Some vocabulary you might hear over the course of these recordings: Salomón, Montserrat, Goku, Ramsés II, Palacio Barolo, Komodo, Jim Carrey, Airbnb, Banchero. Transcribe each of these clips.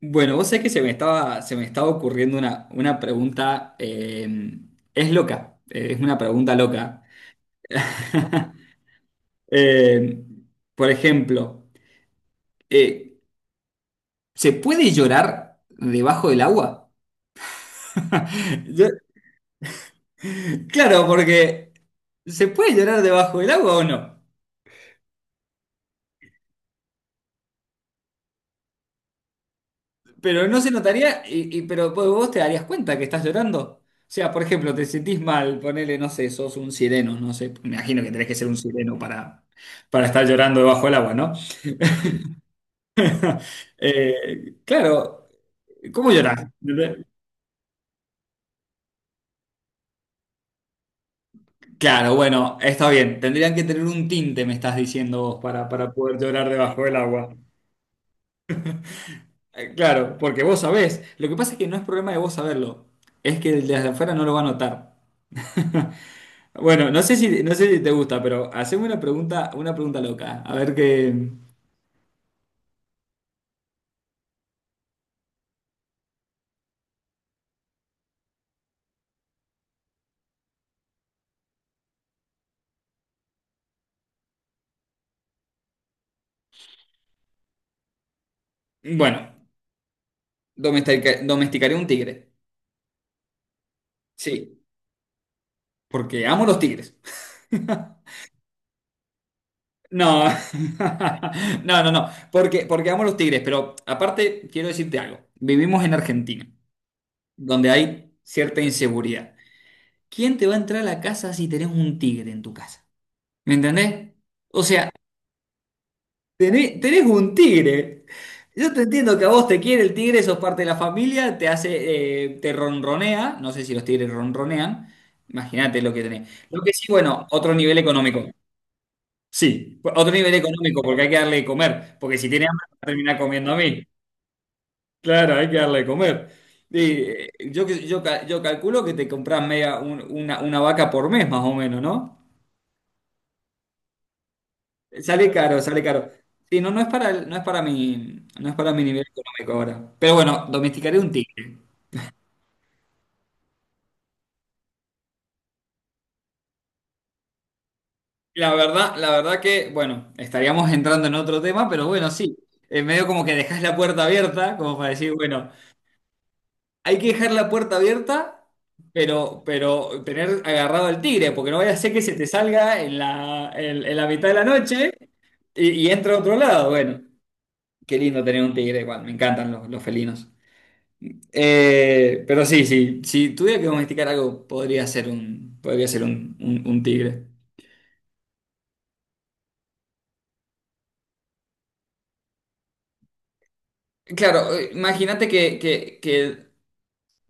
Bueno, vos sabés que se me estaba ocurriendo una pregunta, es loca, es una pregunta loca. Eh, por ejemplo, eh, ¿se puede llorar debajo del agua? Yo- claro, porque se puede llorar debajo del agua o no, pero no se notaría, pero vos te darías cuenta que estás llorando. O sea, por ejemplo, te sentís mal, ponele, no sé, sos un sireno, no sé, me imagino que tenés que ser un sireno para estar llorando debajo del agua, ¿no? Claro, ¿cómo llorar? Claro, bueno, está bien. Tendrían que tener un tinte, me estás diciendo vos, para poder llorar debajo del agua. Claro, porque vos sabés. Lo que pasa es que no es problema de vos saberlo. Es que desde afuera no lo va a notar. Bueno, no sé si te gusta, pero haceme una pregunta loca. A ver qué. Bueno, domesticaré un tigre. Sí, porque amo los tigres. No, no, no, no, porque, porque amo a los Tigres, pero aparte quiero decirte algo, vivimos en Argentina, donde hay cierta inseguridad. ¿Quién te va a entrar a la casa si tenés un tigre en tu casa? ¿Me entendés? O sea, tenés un tigre. Yo te entiendo que a vos te quiere el tigre, sos parte de la familia, te hace, te ronronea, no sé si los tigres ronronean, imagínate lo que tenés. Lo que sí, bueno, otro nivel económico. Sí, a otro nivel económico, porque hay que darle de comer, porque si tiene hambre va a terminar comiendo a mí. Claro, hay que darle de comer. Y, yo calculo que te compras una vaca por mes más o menos, ¿no? Sale caro, sale caro. Sí, no es para, no es para mi, no es para mi nivel económico ahora. Pero bueno, domesticaré un tigre. La verdad que, bueno, estaríamos entrando en otro tema, pero bueno, sí. En medio como que dejas la puerta abierta, como para decir, bueno, hay que dejar la puerta abierta, pero tener agarrado al tigre, porque no vaya a ser que se te salga en la mitad de la noche y entra a otro lado. Bueno, qué lindo tener un tigre, igual, me encantan los felinos. Pero sí, sí, si tuviera que domesticar algo, podría ser un tigre. Claro, imagínate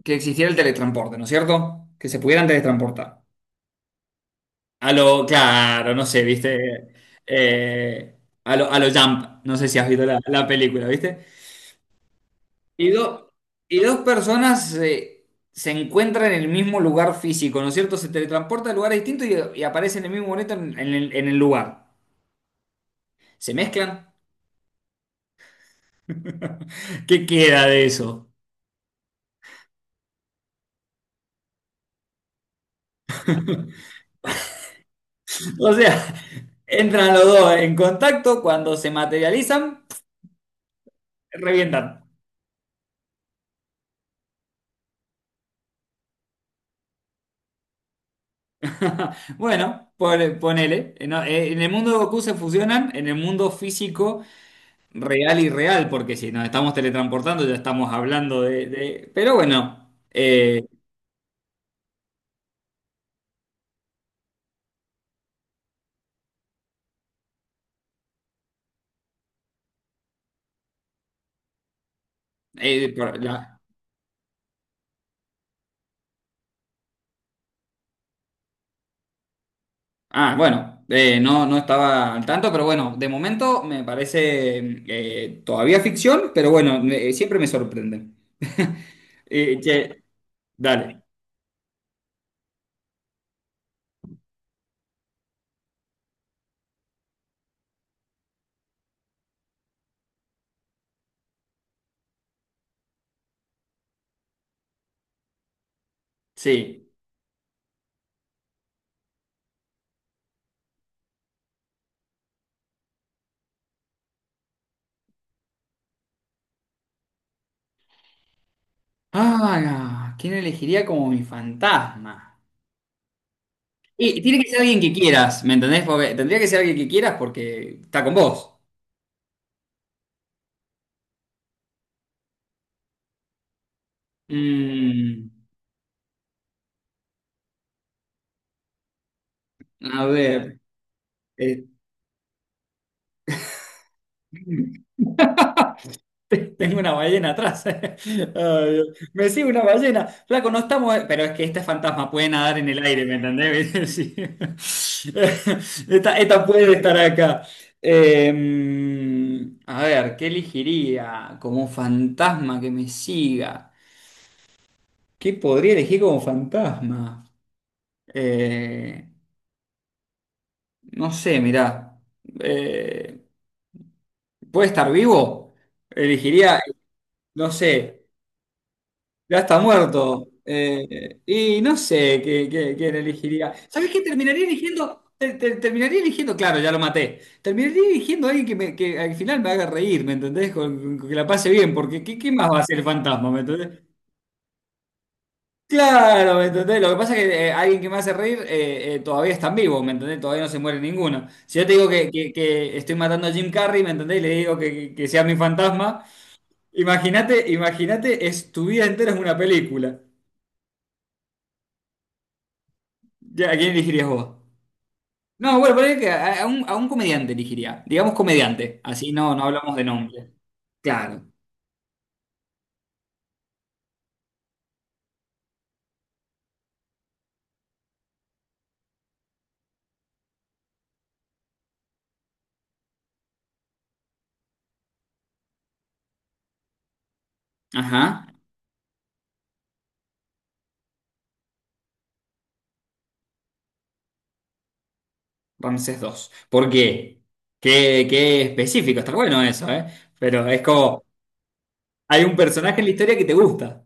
que existiera el teletransporte, ¿no es cierto? Que se pudieran teletransportar. A lo, claro, no sé, viste. Eh, a lo Jump, no sé si has visto la, la película, viste. Y, do- y dos personas se encuentran en el mismo lugar físico, ¿no es cierto? Se teletransportan a lugares distintos y aparecen en el mismo momento en el lugar. ¿Se mezclan? ¿Qué queda de eso? O sea, entran los dos en contacto, cuando se materializan, revientan. Bueno, ponele. En el mundo de Goku se fusionan, en el mundo físico. Real y real, porque si nos estamos teletransportando ya estamos hablando de... Pero bueno, eh, por la- ah, bueno, no estaba al tanto, pero bueno, de momento me parece todavía ficción, pero bueno, siempre me sorprende. Che, dale, sí. Ah, ¿quién elegiría como mi fantasma? Y tiene que ser alguien que quieras, ¿me entendés? Porque tendría que ser alguien que quieras porque está con vos. Mm, a ver. eh, Tengo una ballena atrás. Ay, Dios. Me sigue una ballena. Flaco, no estamos. Pero es que este fantasma puede nadar en el aire, ¿me entendés? Sí. Esta puede estar acá. A ver, ¿qué elegiría como fantasma que me siga? ¿Qué podría elegir como fantasma? Eh, no sé, mirá. Eh, ¿Puede estar vivo? Elegiría, no sé. Ya está muerto. Y no sé qué, quién elegiría. ¿Sabés qué? Terminaría eligiendo. Terminaría eligiendo. Claro, ya lo maté. Terminaría eligiendo a alguien que, que al final me haga reír, ¿me entendés? Con que la pase bien, porque ¿qué, qué más va a hacer el fantasma, ¿me entendés? Claro, ¿me entendés? Lo que pasa es que alguien que me hace reír todavía está en vivo, ¿me entendés? Todavía no se muere ninguno. Si yo te digo que estoy matando a Jim Carrey, ¿me entendés? Y le digo que, que sea mi fantasma. Imagínate, imagínate, es tu vida entera es una película. Ya, ¿a quién elegirías vos? No, bueno, parece que a un comediante elegiría. Digamos comediante, así no, no hablamos de nombre. Claro. Ajá, Ramsés II. ¿Por qué? Qué, qué específico, está bueno eso, ¿eh? Pero es como, hay un personaje en la historia que te gusta.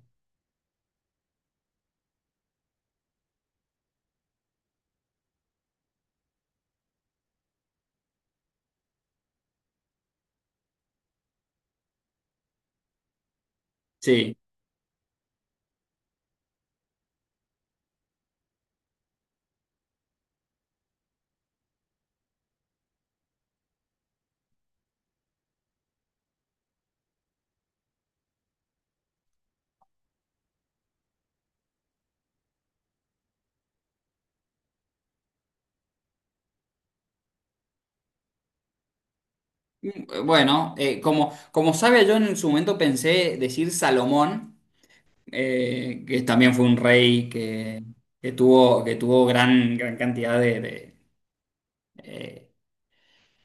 Sí. Bueno, como, como sabe, yo en su momento pensé decir Salomón, que también fue un rey que tuvo gran, gran cantidad eh,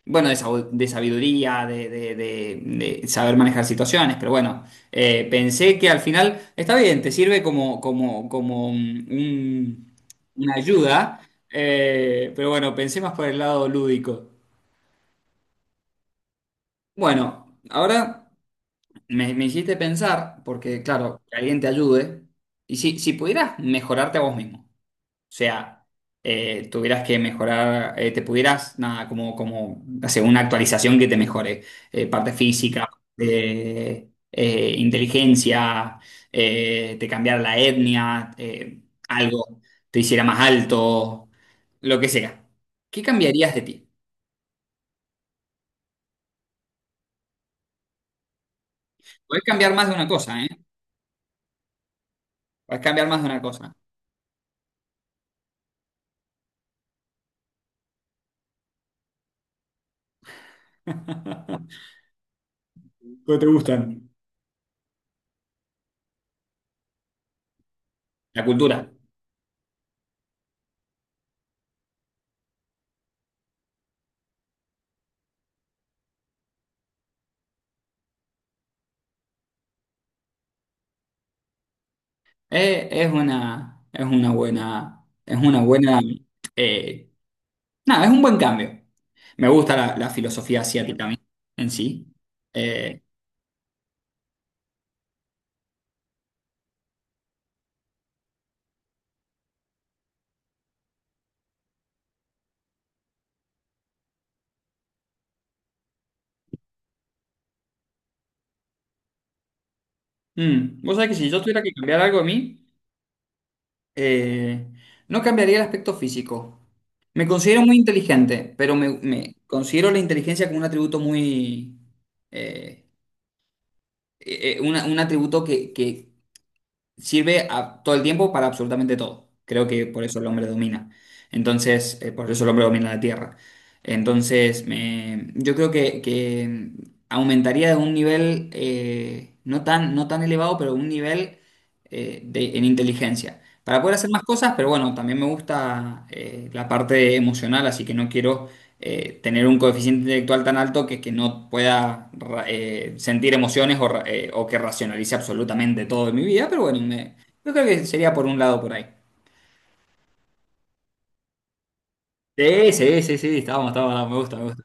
bueno, de, de sabiduría, de saber manejar situaciones, pero bueno, pensé que al final está bien, te sirve como, como, como una ayuda, pero bueno, pensé más por el lado lúdico. Bueno, ahora me hiciste pensar, porque claro, que alguien te ayude, y si, si pudieras mejorarte a vos mismo. O sea, tuvieras que mejorar, te pudieras, nada, como, como hacer una actualización que te mejore, parte física, inteligencia, te cambiara la etnia, algo, te hiciera más alto, lo que sea. ¿Qué cambiarías de ti? Puedes cambiar más de una cosa, ¿eh? Puedes cambiar más de una cosa. ¿Cómo te gustan? La cultura. Es una buena eh, nada, es un buen cambio. Me gusta la, la filosofía asiática a mí en sí. Eh, vos sabés que si yo tuviera que cambiar algo de mí, eh, no cambiaría el aspecto físico. Me considero muy inteligente, pero me considero la inteligencia como un atributo muy... eh, un atributo que sirve todo el tiempo para absolutamente todo. Creo que por eso el hombre domina. Entonces, por eso el hombre domina la Tierra. Entonces, yo creo que aumentaría de un nivel no tan, no tan elevado, pero un nivel en inteligencia. Para poder hacer más cosas, pero bueno, también me gusta la parte emocional, así que no quiero tener un coeficiente intelectual tan alto que no pueda sentir emociones o, o que racionalice absolutamente todo en mi vida, pero bueno, yo creo que sería por un lado por ahí. Sí, sí, sí, sí, me gusta, me gusta.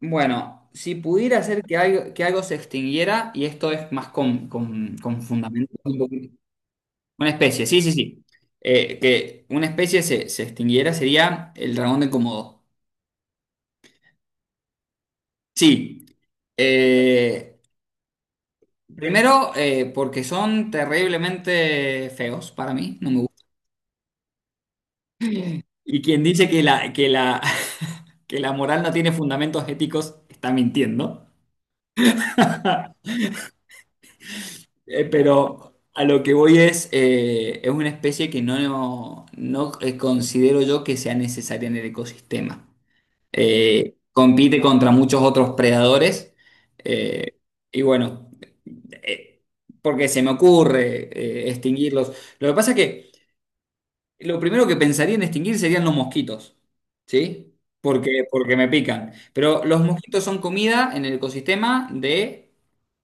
Bueno, si pudiera hacer que algo se extinguiera, y esto es más con fundamento, un poquito- una especie, sí, sí, sí. Que una especie se extinguiera sería el dragón de Komodo. Sí, eh, primero, porque son terriblemente feos para mí, no me gusta. Y quien dice que que la moral no tiene fundamentos éticos está mintiendo. Pero a lo que voy es una especie que no, considero yo que sea necesaria en el ecosistema. Compite contra muchos otros predadores. eh, y bueno, eh, porque se me ocurre extinguirlos. Lo que pasa es que... Lo primero que pensaría en extinguir serían los mosquitos, ¿sí? Porque, porque me pican. Pero los mosquitos son comida en el ecosistema de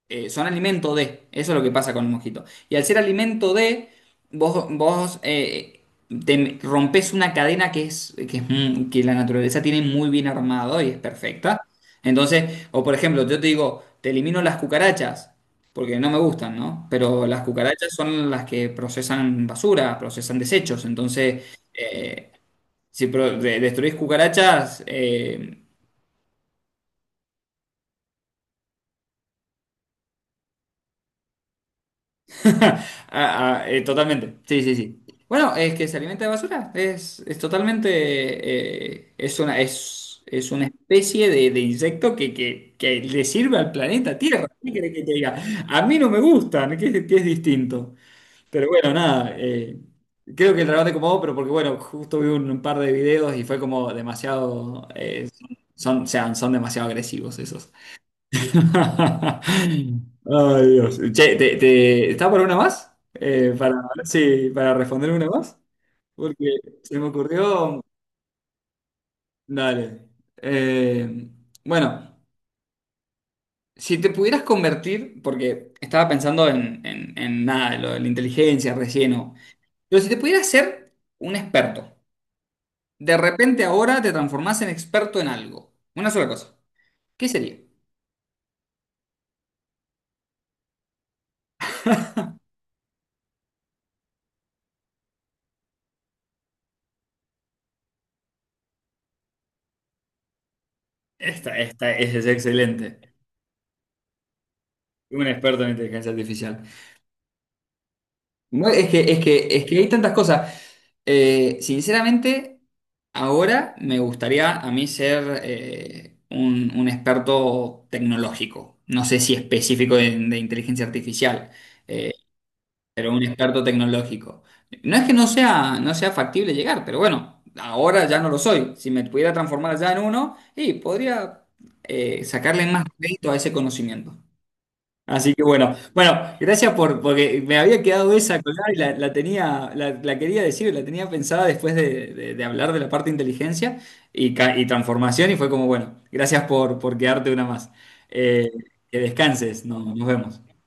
son alimento de. Eso es lo que pasa con el mosquito. Y al ser alimento de, vos, vos te rompes una cadena que es, que es que la naturaleza tiene muy bien armado y es perfecta. Entonces, o por ejemplo, yo te digo, te elimino las cucarachas, porque no me gustan, ¿no? Pero las cucarachas son las que procesan basura, procesan desechos. Entonces, eh, si destruís cucarachas, ah, ah, totalmente. Sí, sí, sí. Bueno, es que se alimenta de basura. Es totalmente. Es una especie de insecto que le sirve al planeta Tierra. ¿Qué querés que te diga? A mí no me gustan, que es distinto. Pero bueno, nada. Creo que el trabajo te acomodó, pero porque, bueno, justo vi un par de videos y fue como demasiado. Son, son, o sea, son demasiado agresivos esos. Ay, Dios. Che, ¿está por una más? Para ver si- para responder una más. Porque se me ocurrió. Dale. Eh, bueno, si te pudieras convertir, porque estaba pensando en nada, lo de la inteligencia recién, pero si te pudieras ser un experto, de repente ahora te transformás en experto en algo, una sola cosa, ¿qué sería? Esta es excelente. Un experto en inteligencia artificial. Bueno, es que, es que, es que hay tantas cosas. Sinceramente, ahora me gustaría a mí ser un experto tecnológico. No sé si específico de inteligencia artificial, eh, pero un experto tecnológico. No es que no sea, no sea factible llegar, pero bueno, ahora ya no lo soy. Si me pudiera transformar ya en uno, y podría sacarle más crédito a ese conocimiento. Así que bueno, bueno, gracias por, porque me había quedado esa colgada y la tenía, la quería decir, la tenía pensada después de, de hablar de la parte de inteligencia y, y transformación y fue como, bueno, gracias por quedarte una más. Eh, que descanses, no, nos vemos.